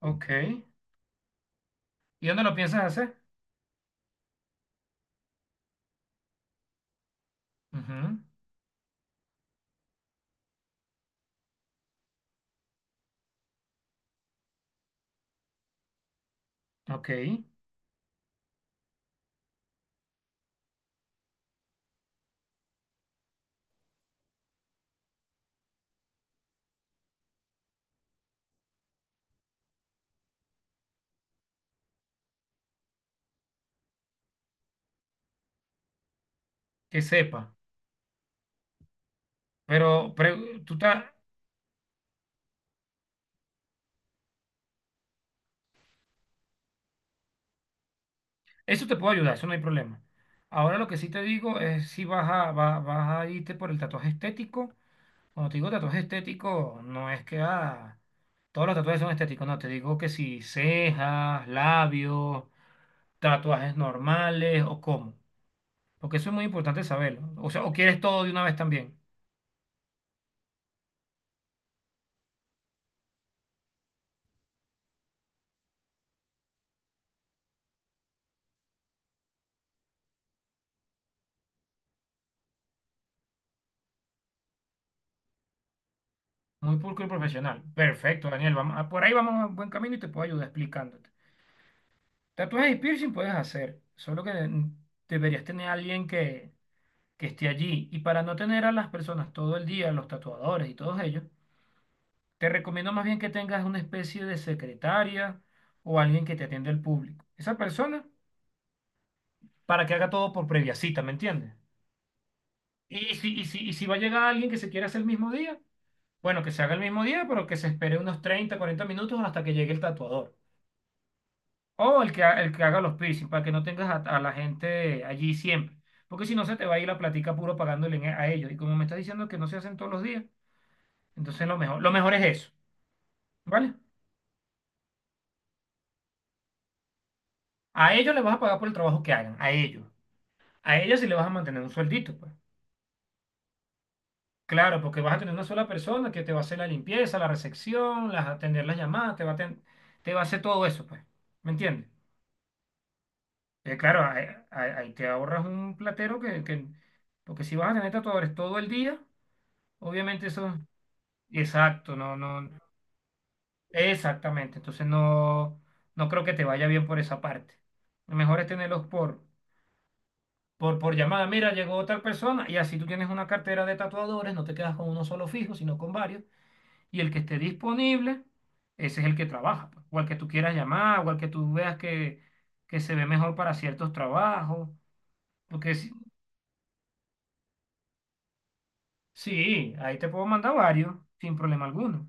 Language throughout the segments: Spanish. Ok. ¿Y dónde lo piensas hacer? Ujú. Ok. Que sepa. Pero, pre- tú ta- Eso te puedo ayudar, eso no hay problema. Ahora lo que sí te digo es si vas a irte por el tatuaje estético. Cuando te digo tatuaje estético, no es que ah, todos los tatuajes son estéticos, no, te digo que si cejas, labios, tatuajes normales o cómo. Porque eso es muy importante saberlo. O sea, o quieres todo de una vez también. Muy pulcro y profesional. Perfecto, Daniel. Por ahí vamos a un buen camino y te puedo ayudar explicándote. Tatuajes y piercing puedes hacer, solo que deberías tener a alguien que esté allí. Y para no tener a las personas todo el día, los tatuadores y todos ellos, te recomiendo más bien que tengas una especie de secretaria o alguien que te atienda el público. Esa persona para que haga todo por previa cita, ¿me entiendes? Y si va a llegar alguien que se quiera hacer el mismo día, bueno, que se haga el mismo día, pero que se espere unos 30 40 minutos hasta que llegue el tatuador. O el que, ha- El que haga los piercing, para que no tengas a la gente allí siempre. Porque si no, se te va a ir la platica puro pagándole a ellos. Y como me estás diciendo que no se hacen todos los días, entonces lo mejor es eso, ¿vale? A ellos les vas a pagar por el trabajo que hagan, a ellos. A ellos sí les vas a mantener un sueldito, pues. Claro, porque vas a tener una sola persona que te va a hacer la limpieza, la recepción, las, atender las llamadas, te va a hacer todo eso, pues. ¿Me entiendes? Claro, ahí te ahorras un platero que... Porque si vas a tener tatuadores todo el día... Obviamente eso, exacto, exactamente. Entonces no, no creo que te vaya bien por esa parte. Lo mejor es tenerlos por llamada. Mira, llegó otra persona y así tú tienes una cartera de tatuadores, no te quedas con uno solo fijo, sino con varios. Y el que esté disponible, ese es el que trabaja, pues, o al que tú quieras llamar, o al que tú veas que se ve mejor para ciertos trabajos. Porque sí, sí, ahí te puedo mandar varios, sin problema alguno.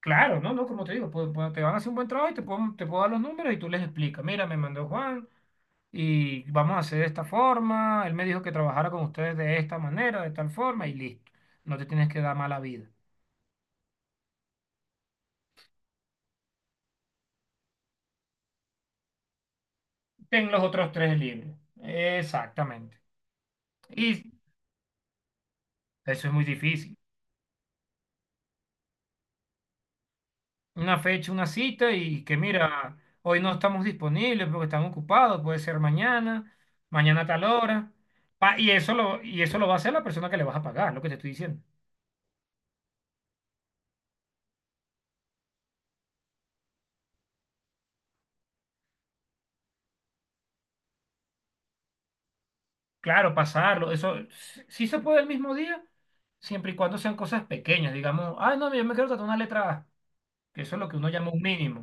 Claro, no, no, como te digo, te van a hacer un buen trabajo y te puedo dar los números y tú les explicas, mira, me mandó Juan y vamos a hacer de esta forma, él me dijo que trabajara con ustedes de esta manera, de tal forma y listo, no te tienes que dar mala vida. Ten los otros tres libres, exactamente. Y eso es muy difícil. Una fecha, una cita y que mira, hoy no estamos disponibles porque están ocupados, puede ser mañana, mañana a tal hora. Y eso lo va a hacer la persona que le vas a pagar, lo que te estoy diciendo. Claro, pasarlo, eso sí se puede el mismo día, siempre y cuando sean cosas pequeñas, digamos, ay, no, yo me quiero tatuar una letra A, que eso es lo que uno llama un mínimo,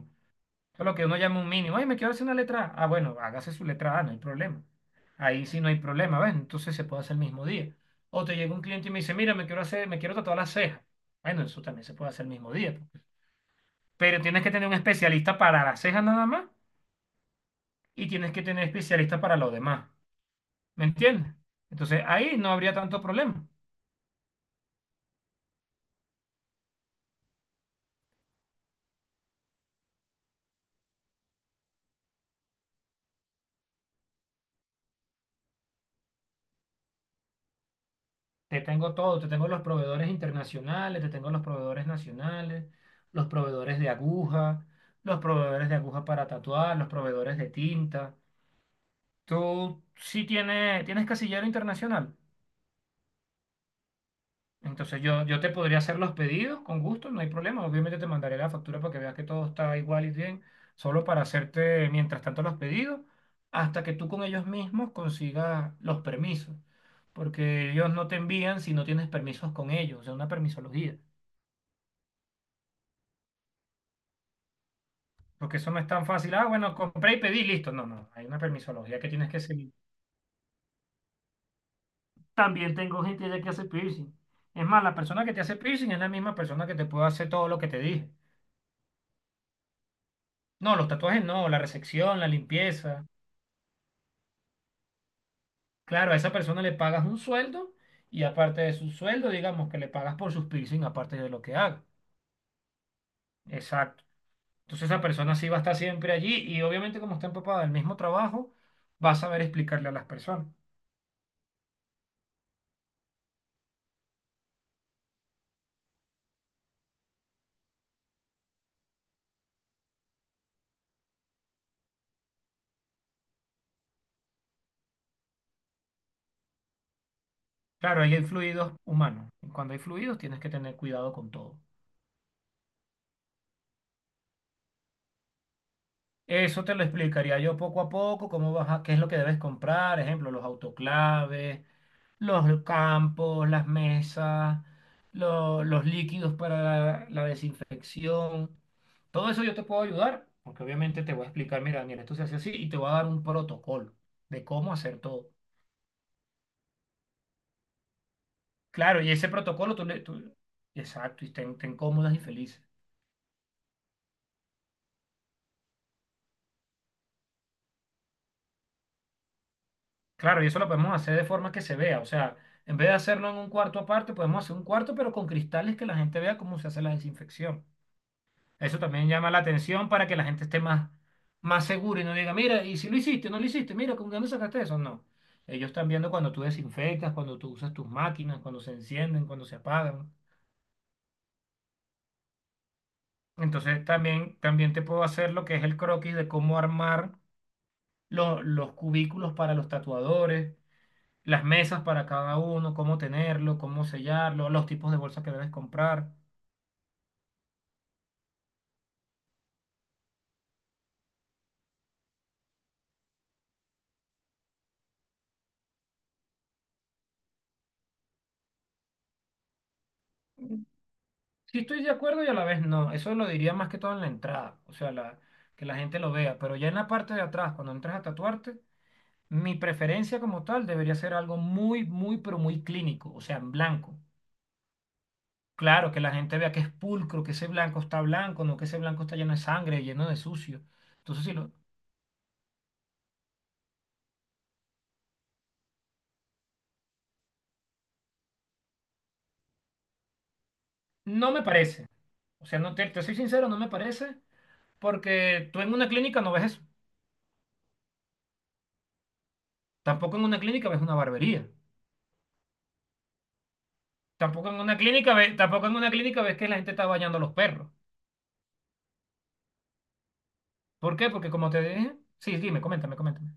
eso es lo que uno llama un mínimo, ay, me quiero hacer una letra A, ah, bueno, hágase su letra A, no hay problema, ahí sí no hay problema, ¿ves? Entonces se puede hacer el mismo día. O te llega un cliente y me dice, mira, me quiero tatuar la ceja, bueno, eso también se puede hacer el mismo día, pues. Pero tienes que tener un especialista para la ceja nada más y tienes que tener especialista para lo demás, ¿me entiendes? Entonces ahí no habría tanto problema. Te tengo todo, te tengo los proveedores internacionales, te tengo los proveedores nacionales, los proveedores de aguja, los proveedores de aguja para tatuar, los proveedores de tinta. Tú sí tienes, tienes casillero internacional. Entonces yo te podría hacer los pedidos con gusto, no hay problema. Obviamente te mandaré la factura para que veas que todo está igual y bien, solo para hacerte mientras tanto los pedidos, hasta que tú con ellos mismos consigas los permisos. Porque ellos no te envían si no tienes permisos con ellos, o sea, una permisología. Porque eso no es tan fácil. Ah, bueno, compré y pedí, listo. No, no, hay una permisología que tienes que seguir. También tengo gente ya que hace piercing. Es más, la persona que te hace piercing es la misma persona que te puede hacer todo lo que te dije. No, los tatuajes no, la resección, la limpieza. Claro, a esa persona le pagas un sueldo y aparte de su sueldo, digamos que le pagas por sus piercing, aparte de lo que haga. Exacto. Entonces esa persona sí va a estar siempre allí y obviamente como está empapada del mismo trabajo, va a saber explicarle a las personas. Claro, ahí hay fluidos humanos. Y cuando hay fluidos, tienes que tener cuidado con todo. Eso te lo explicaría yo poco a poco, cómo qué es lo que debes comprar, ejemplo, los autoclaves, los campos, las mesas, los líquidos para la desinfección. Todo eso yo te puedo ayudar, porque obviamente te voy a explicar, mira, Daniel, esto se hace así y te voy a dar un protocolo de cómo hacer todo. Claro, y ese protocolo tú... Exacto, y estén cómodas y felices. Claro, y eso lo podemos hacer de forma que se vea. O sea, en vez de hacerlo en un cuarto aparte, podemos hacer un cuarto, pero con cristales que la gente vea cómo se hace la desinfección. Eso también llama la atención para que la gente esté más, más segura y no diga, mira, y si lo hiciste, no lo hiciste, mira, ¿con dónde sacaste eso? No. Ellos están viendo cuando tú desinfectas, cuando tú usas tus máquinas, cuando se encienden, cuando se apagan. Entonces también, también te puedo hacer lo que es el croquis de cómo armar los cubículos para los tatuadores, las mesas para cada uno, cómo tenerlo, cómo sellarlo, los tipos de bolsa que debes comprar. Mm, sí estoy de acuerdo y a la vez no. Eso lo diría más que todo en la entrada, o sea, que la gente lo vea. Pero ya en la parte de atrás, cuando entras a tatuarte, mi preferencia como tal debería ser algo muy, muy, pero muy clínico, o sea, en blanco. Claro, que la gente vea que es pulcro, que ese blanco está blanco, no que ese blanco está lleno de sangre, lleno de sucio. Entonces, no me parece. O sea, no te, te soy sincero, no me parece, porque tú en una clínica no ves eso. Tampoco en una clínica ves una barbería. Tampoco en una clínica ves, Tampoco en una clínica ves que la gente está bañando a los perros. ¿Por qué? Porque como te dije, sí, dime, coméntame, coméntame.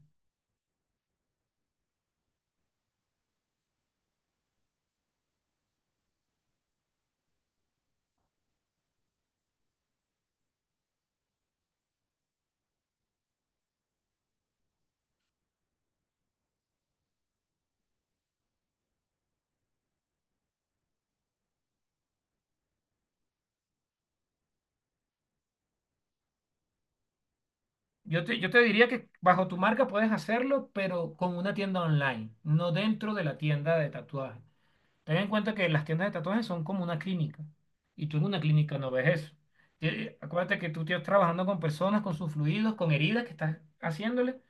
Yo te diría que bajo tu marca puedes hacerlo, pero con una tienda online, no dentro de la tienda de tatuajes. Ten en cuenta que las tiendas de tatuajes son como una clínica y tú en una clínica no ves eso. Acuérdate que tú estás trabajando con personas, con sus fluidos, con heridas que estás haciéndole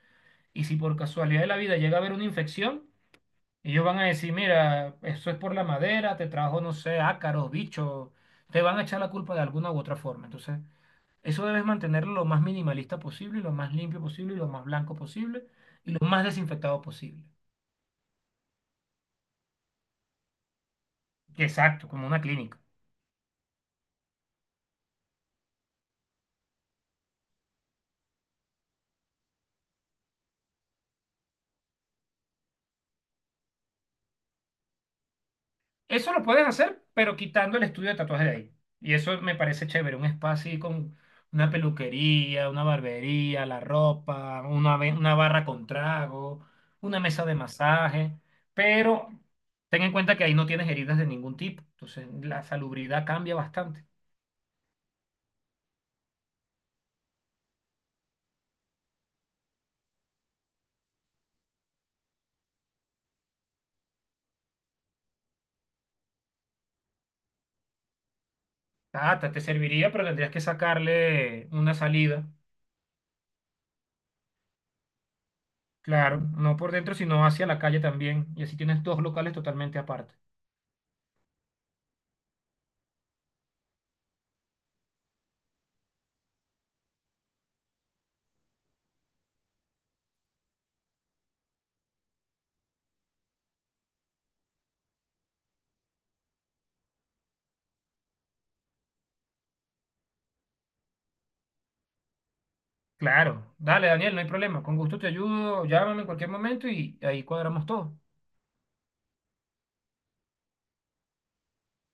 y si por casualidad de la vida llega a haber una infección, ellos van a decir, mira, eso es por la madera, te trajo, no sé, ácaros, bichos, te van a echar la culpa de alguna u otra forma. Entonces, eso debes mantenerlo lo más minimalista posible, lo más limpio posible, lo más blanco posible y lo más desinfectado posible. Exacto, como una clínica. Eso lo puedes hacer, pero quitando el estudio de tatuajes de ahí. Y eso me parece chévere, un espacio así con una peluquería, una barbería, la ropa, una barra con trago, una mesa de masaje. Pero ten en cuenta que ahí no tienes heridas de ningún tipo. Entonces la salubridad cambia bastante. Tata, te serviría, pero tendrías que sacarle una salida. Claro, no por dentro, sino hacia la calle también. Y así tienes dos locales totalmente aparte. Claro, dale Daniel, no hay problema, con gusto te ayudo, llámame en cualquier momento y ahí cuadramos todo.